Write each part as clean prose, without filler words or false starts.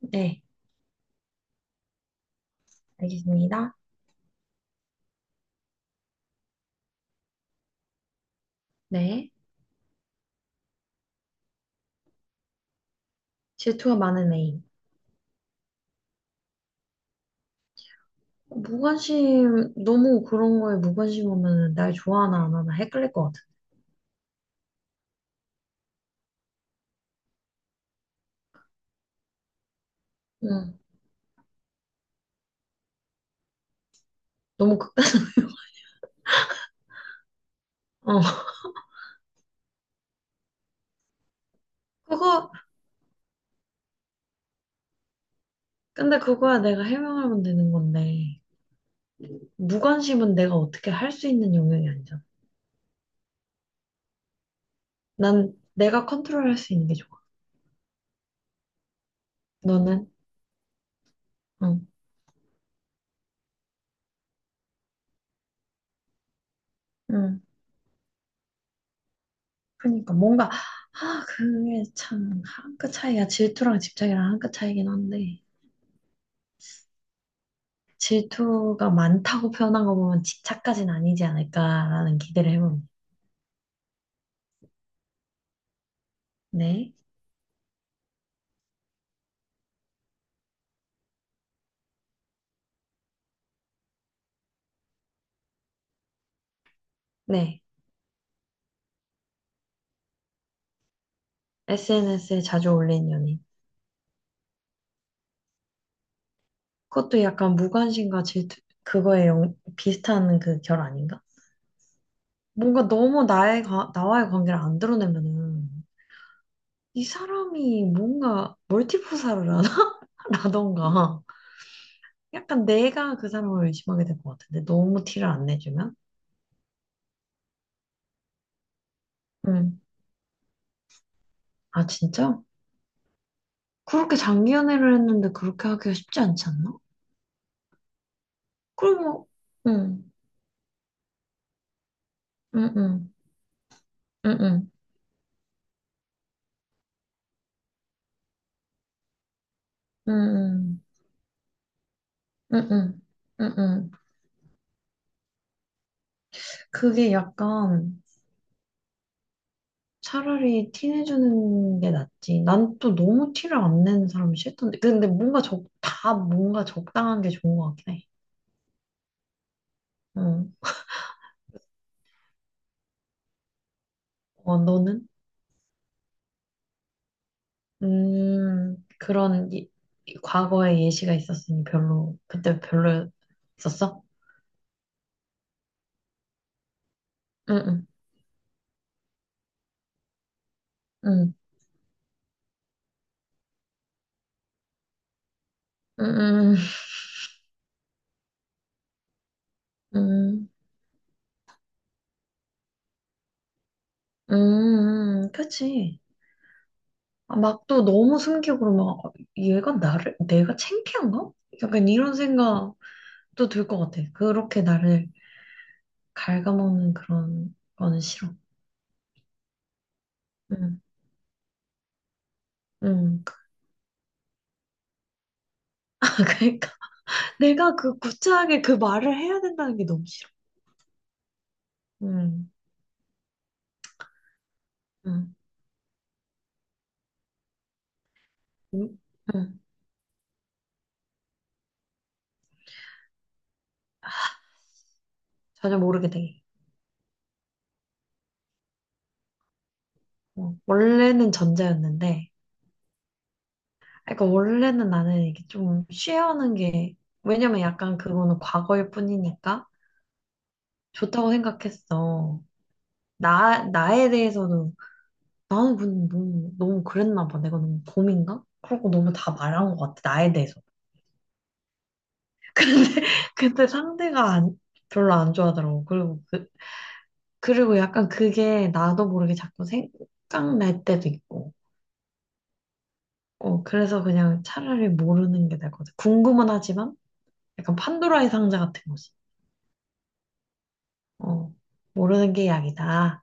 네, 알겠습니다. 네. 질투가 많은 애인. 무관심, 너무 그런 거에 무관심 하면 날 좋아하나 안 하나 헷갈릴 것 같아. 응, 너무 극단, 어. 그거, 근데 그거야 내가 해명하면 되는 건데. 무관심은 내가 어떻게 할 수 있는 영역이 아니잖아. 난 내가 컨트롤할 수 있는 게 좋아. 너는? 응, 응. 그러니까 뭔가, 아, 그게 참, 한 끗 차이야. 질투랑 집착이랑 한 끗 차이긴 한데. 질투가 많다고 표현한 거 보면 집착까지는 아니지 않을까라는 기대를 해봅니다. 네. 네. SNS에 자주 올린 연인. 그것도 약간 무관심과 질투, 그거에 비슷한 그 결 아닌가? 뭔가 너무 나의, 나와의 관계를 안 드러내면은 이 사람이 뭔가 멀티포사를 하나? 라던가. 약간 내가 그 사람을 의심하게 될 것 같은데. 너무 티를 안 내주면? 음. 아, 진짜? 그렇게 장기 연애를 했는데 그렇게 하기가 쉽지 않지 않나? 그럼, 응, 응, 응, 응, 응, 응, 응, 응, 응, 응. 그게 약간 차라리 티 내주는 게 낫지. 난 또 너무 티를 안 내는 사람이 싫던데. 근데 뭔가 적, 다 뭔가 적당한 게 좋은 것 같긴 해. 응. 어, 너는? 그런 이, 이 과거의 예시가 있었으니 별로, 그때 별로였었어? 응, 응, 응, 응, 응, 응, 응, 응, 응, 그치. 막 또 너무 숨기고 그러면 아, 얘가 나를 내가 창피한가? 약간 이런 생각도 들 것 같아. 그렇게 나를 갉아먹는 그런 거는 싫어. 응, 응. 그러니까 내가 그 구차하게 그 말을 해야 된다는 게 너무 싫어. 응, 응, 응. 응. 전혀 모르게 돼. 어, 원래는 전자였는데, 아, 그러니까 원래는 나는 이게 좀 쉬어하는 게 왜냐면 약간 그거는 과거일 뿐이니까 좋다고 생각했어. 나, 나에 대해서는, 나는 근데 너무, 너무 그랬나 봐. 내가 너무 곰인가? 그러고 너무 다 말한 것 같아, 나에 대해서. 근데, 근데 상대가 별로 안 좋아하더라고. 그리고, 그, 그리고 약간 그게 나도 모르게 자꾸 생각날 때도 있고. 어, 그래서 그냥 차라리 모르는 게 나을 것 같아. 궁금은 하지만, 약간 판도라의 상자 같은 거지. 어, 모르는 게 약이다.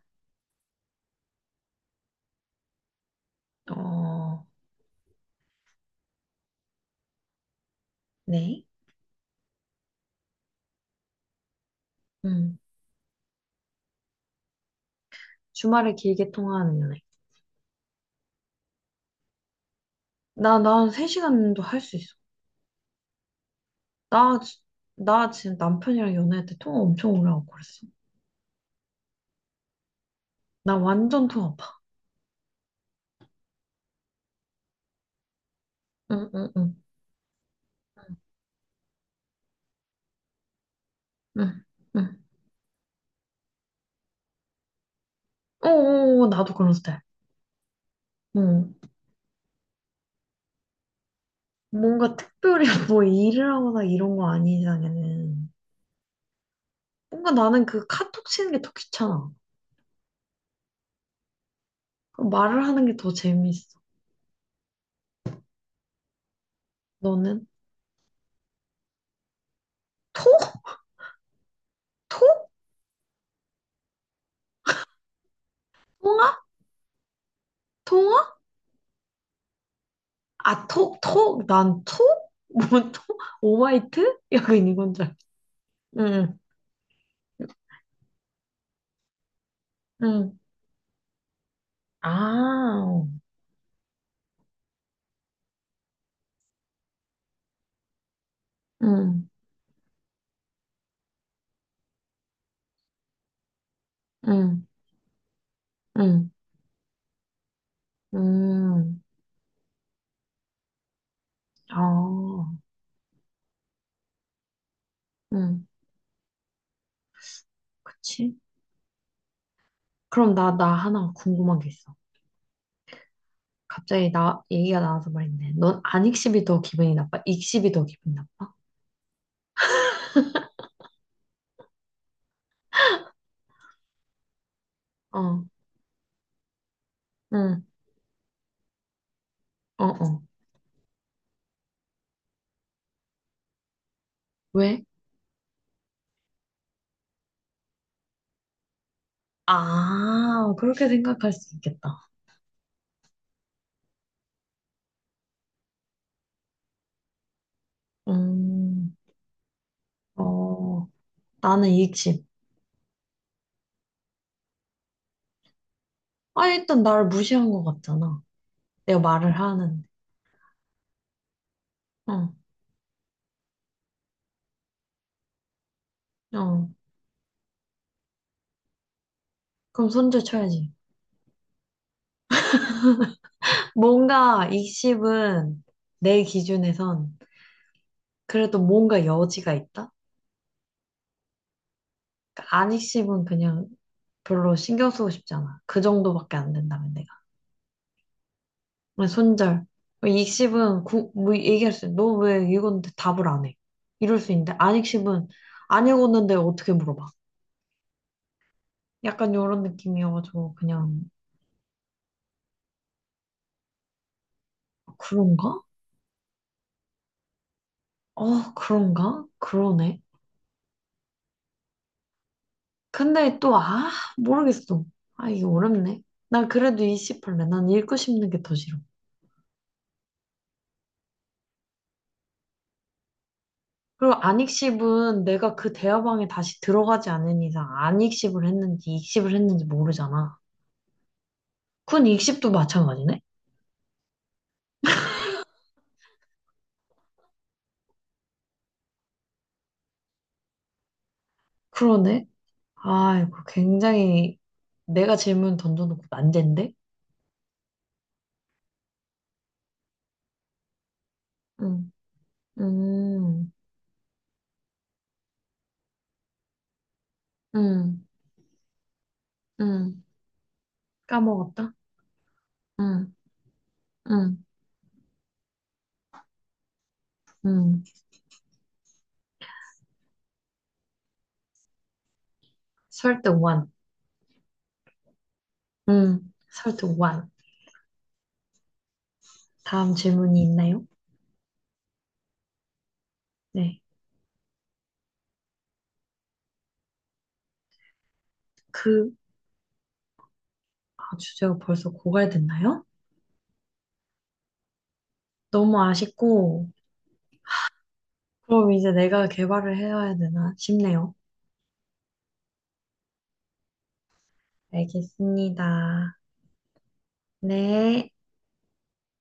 어, 네. 음, 주말에 길게 통화하는 연애. 나, 난 3시간도 할 수 있어. 나, 나 지금 남편이랑 연애할 때 통화 엄청 오래 하고 그랬어. 나 완전 통화 봐. 응, 응, 응, 응, 응. 어, 어, 어, 나도 그런 스타일. 응. 뭔가 특별히 뭐 일을 하거나 이런 거 아닌 이상에는. 뭔가 나는 그 카톡 치는 게 더 귀찮아. 그 말을 하는 게 더 재밌어. 너는? 톡? 톡? 통화? 통화? 아, 톡, 톡? 난 톡? 뭐, 톡? 오마이트? 약간 이건 줄 알았어. 응, 응. 아, 응, 응. 응, 음, 아, 응, 그치? 그럼 나, 나 하나 궁금한 게 있어. 갑자기 나, 얘기가 나와서 말인데, 넌 안익십이 더 기분이 나빠? 익십이 더 기분이 나빠? 어, 응, 어, 어. 왜? 아, 그렇게 생각할 수 있겠다. 음, 어, 나는 익십. 아, 일단 나를 무시한 것 같잖아. 내가 말을 하는데. 어, 어. 그럼 손절 쳐야지. 뭔가 익십은 내 기준에선 그래도 뭔가 여지가 있다? 그러니까 안 익씹은 그냥 별로 신경 쓰고 싶잖아. 그 정도밖에 안 된다면 내가. 그냥 손절. 익씹은 구, 뭐 얘기할 수 있어. 너왜 읽었는데 답을 안 해? 이럴 수 있는데 안 익씹은 안 읽었는데 어떻게 물어봐? 약간 이런 느낌이어가지고 그냥 그런가? 어, 그런가? 그러네. 근데 또 아, 모르겠어. 아, 이게 어렵네. 난 그래도 이씹할래난 읽고 싶는 게 더 싫어. 그리고 안익십은 내가 그 대화방에 다시 들어가지 않는 이상 안익십을 했는지 익십을 했는지 모르잖아. 군 익십도 마찬가지네? 그러네? 아이고, 굉장히 내가 질문 던져놓고 난제인데? 응, 음, 음, 음. 까먹었다? 응, 응, 응. 설득 원 응, 설득 원. 다음 질문이 있나요? 네. 그, 아, 주제가 벌써 고갈됐나요? 너무 아쉽고, 그럼 이제 내가 개발을 해야 되나 싶네요. 알겠습니다. 네.